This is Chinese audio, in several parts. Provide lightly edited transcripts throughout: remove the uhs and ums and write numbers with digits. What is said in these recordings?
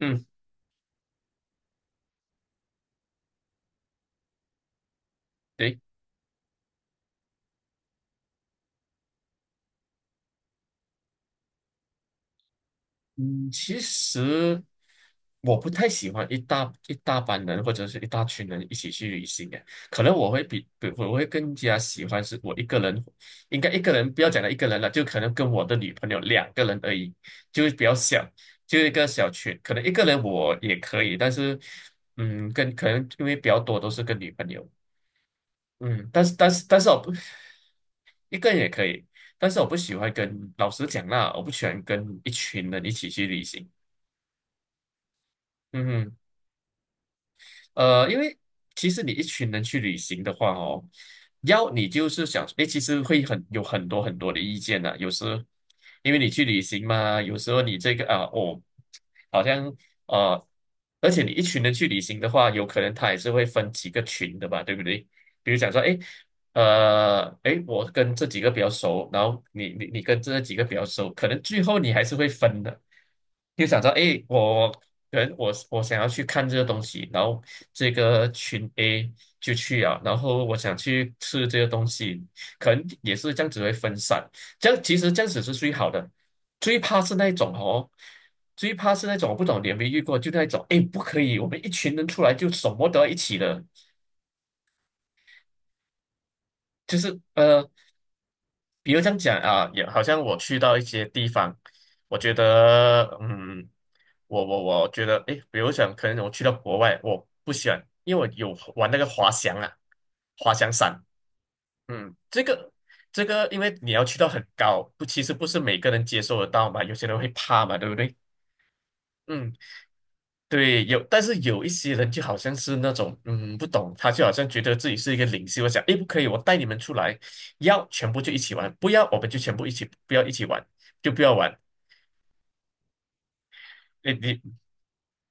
嗯，对，嗯，其实我不太喜欢一大班人或者是一大群人一起去旅行诶，可能我会比我会更加喜欢是我一个人，应该一个人不要讲到一个人了，就可能跟我的女朋友两个人而已，就是比较小，就一个小群，可能一个人我也可以，但是，跟可能因为比较多都是跟女朋友，嗯，但是我不一个人也可以，但是我不喜欢跟老师讲啦，我不喜欢跟一群人一起去旅行。嗯哼。因为其实你一群人去旅行的话哦，要你就是想，诶，其实会很有很多很多的意见呐、有时因为你去旅行嘛，有时候你这个啊，哦，好像呃，而且你一群人去旅行的话，有可能他也是会分几个群的吧，对不对？比如讲说，诶，诶，我跟这几个比较熟，然后你跟这几个比较熟，可能最后你还是会分的。就想到，诶，我可能我想要去看这个东西，然后这个群 A 就去啊，然后我想去吃这个东西，可能也是这样子会分散，这样其实这样子是最好的，最怕是那一种哦，最怕是那种我不懂你有没有遇过，就那一种，诶，不可以，我们一群人出来就什么都要一起的，就是比如这样讲啊，也好像我去到一些地方，我觉得，我觉得，诶，比如讲，可能我去到国外，我不喜欢，因为我有玩那个滑翔啊，滑翔伞，嗯，这个这个，因为你要去到很高，不，其实不是每个人接受得到嘛，有些人会怕嘛，对不对？嗯，对，有，但是有一些人就好像是那种，不懂，他就好像觉得自己是一个领袖，我想，诶，不可以，我带你们出来，要全部就一起玩，不要我们就全部一起，不要一起玩，就不要玩。诶，你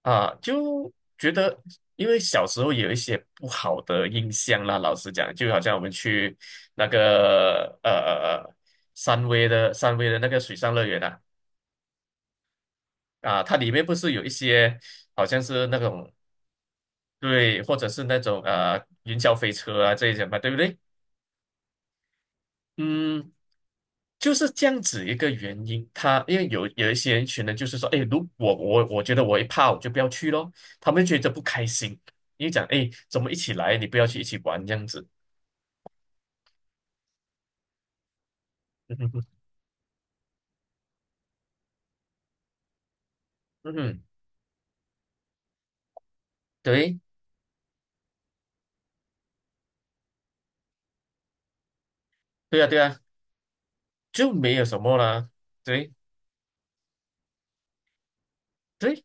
啊，就觉得，因为小时候有一些不好的印象啦，老实讲，就好像我们去那个三威的那个水上乐园啊，啊，它里面不是有一些好像是那种对，或者是那种云霄飞车啊这一些嘛，对不对？嗯，就是这样子一个原因。他因为有一些人群呢，就是说，哎，如果我觉得我一怕，我就不要去咯。他们觉得不开心，因为讲，哎，怎么一起来，你不要去一起玩这样子。嗯哼哼，嗯哼，对，对啊，对啊，就没有什么啦。对，对，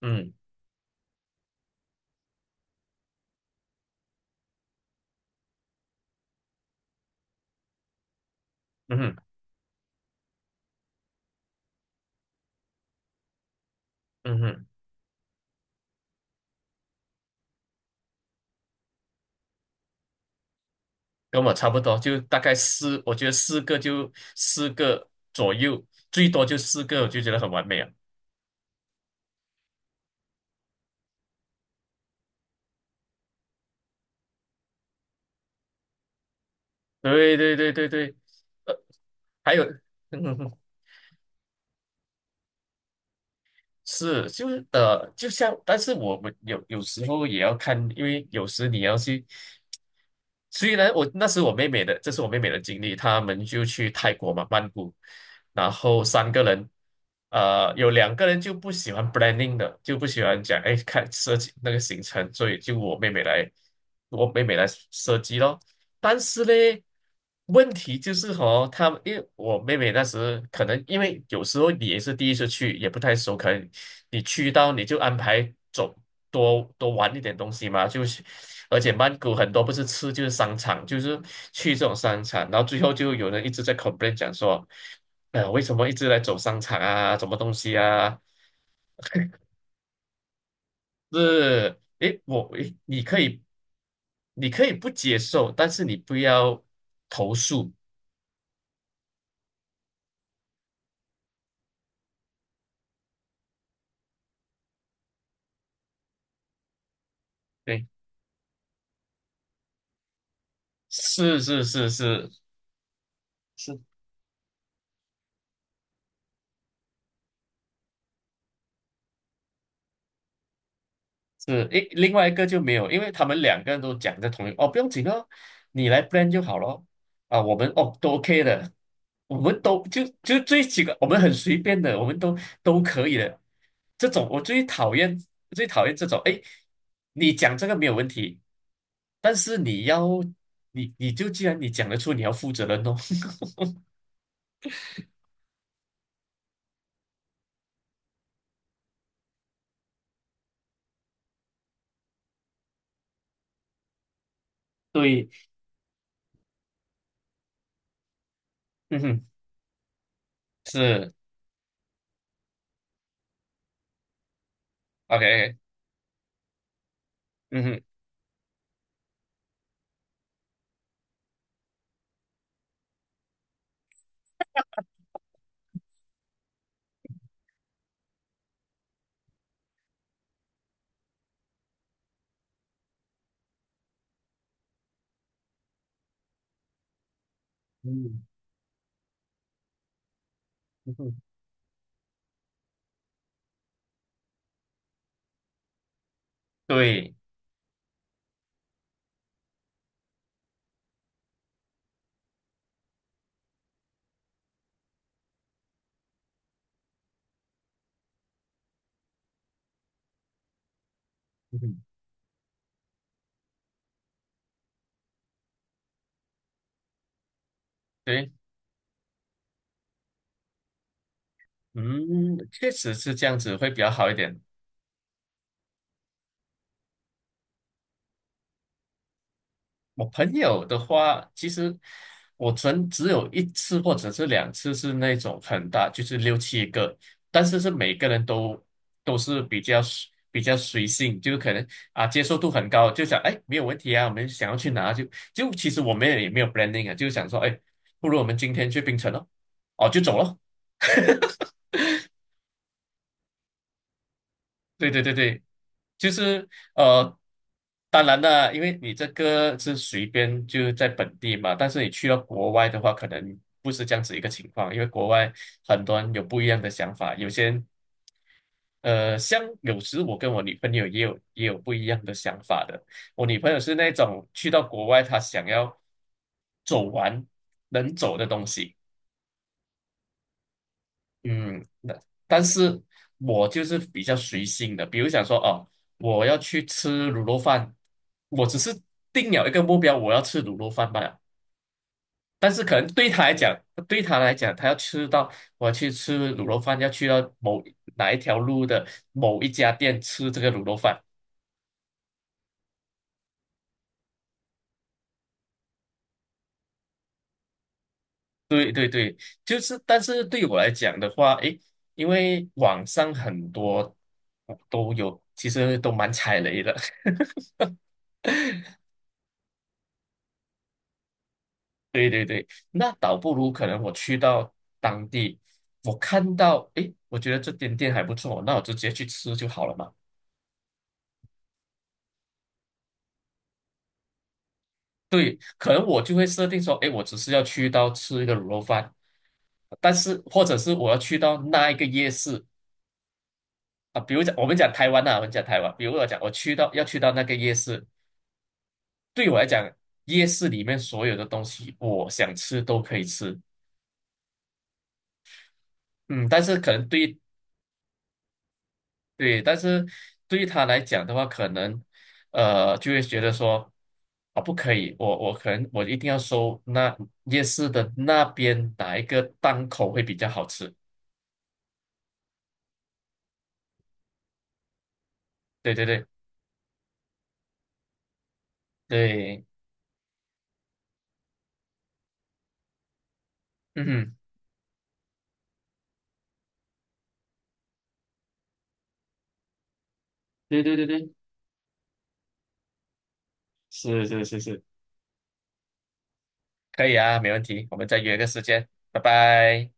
嗯，嗯哼，嗯哼。跟我差不多，就大概四，我觉得四个就四个左右，最多就四个，我就觉得很完美啊！对对对对对，呃，还有，嗯是，就是就像，但是我们有时候也要看，因为有时你要去。所以呢，我那时我妹妹的，这是我妹妹的经历。他们就去泰国嘛，曼谷，然后三个人，有两个人就不喜欢 blanding 的，就不喜欢讲，哎，看设计那个行程，所以就我妹妹来设计咯。但是嘞。问题就是和他们因为我妹妹那时可能因为有时候你也是第一次去，也不太熟，可能你去到你就安排走多多玩一点东西嘛，就是，而且曼谷很多不是吃就是商场，就是去这种商场，然后最后就有人一直在 complain 讲说，为什么一直来走商场啊，什么东西啊？是，诶，你可以不接受，但是你不要投诉。对。是是是是，是是，诶，另外一个就没有，因为他们两个人都讲在同一哦，不用紧哦，你来 plan 就好咯。啊，我们哦都 OK 的，我们都就最几个，我们很随便的，我们都可以的。这种我最讨厌，最讨厌这种。诶，你讲这个没有问题，但是你要你就既然你讲得出，你要负责任哦。对，嗯哼，是 OK,嗯哼，嗯嗯哼，对，嗯哼，对。嗯，确实是这样子会比较好一点。我朋友的话，其实我曾只有一次或者是两次是那种很大，就是六七个，但是是每个人都是比较随性，就是可能啊接受度很高，就想哎没有问题啊，我们想要去哪就其实我们也没有 planning 啊，就想说哎，不如我们今天去槟城咯，哦就走了。对对对对，就是呃，当然啦，因为你这个是随便就在本地嘛，但是你去到国外的话，可能不是这样子一个情况，因为国外很多人有不一样的想法，有些人像有时我跟我女朋友也有不一样的想法的，我女朋友是那种去到国外，她想要走完能走的东西。嗯，那但是我就是比较随性的，比如想说哦，我要去吃卤肉饭，我只是定了一个目标，我要吃卤肉饭罢了。但是可能对他来讲，他要吃到我要去吃卤肉饭，要去到哪一条路的某一家店吃这个卤肉饭。对对对，就是，但是对我来讲的话，诶，因为网上很多都有，其实都蛮踩雷的。对对对，那倒不如可能我去到当地，我看到，诶，我觉得这间店还不错，那我就直接去吃就好了嘛。对，可能我就会设定说，诶，我只是要去到吃一个卤肉饭，但是或者是我要去到那一个夜市啊，比如讲我们讲台湾，比如我讲我去到要去到那个夜市，对我来讲，夜市里面所有的东西我想吃都可以吃，嗯，但是可能对对，但是对于他来讲的话，可能就会觉得说啊，不可以，我可能我一定要收那夜市的那边哪一个档口会比较好吃。对对对对，嗯哼，对对对对，是是是是，可以啊，没问题，我们再约个时间，拜拜。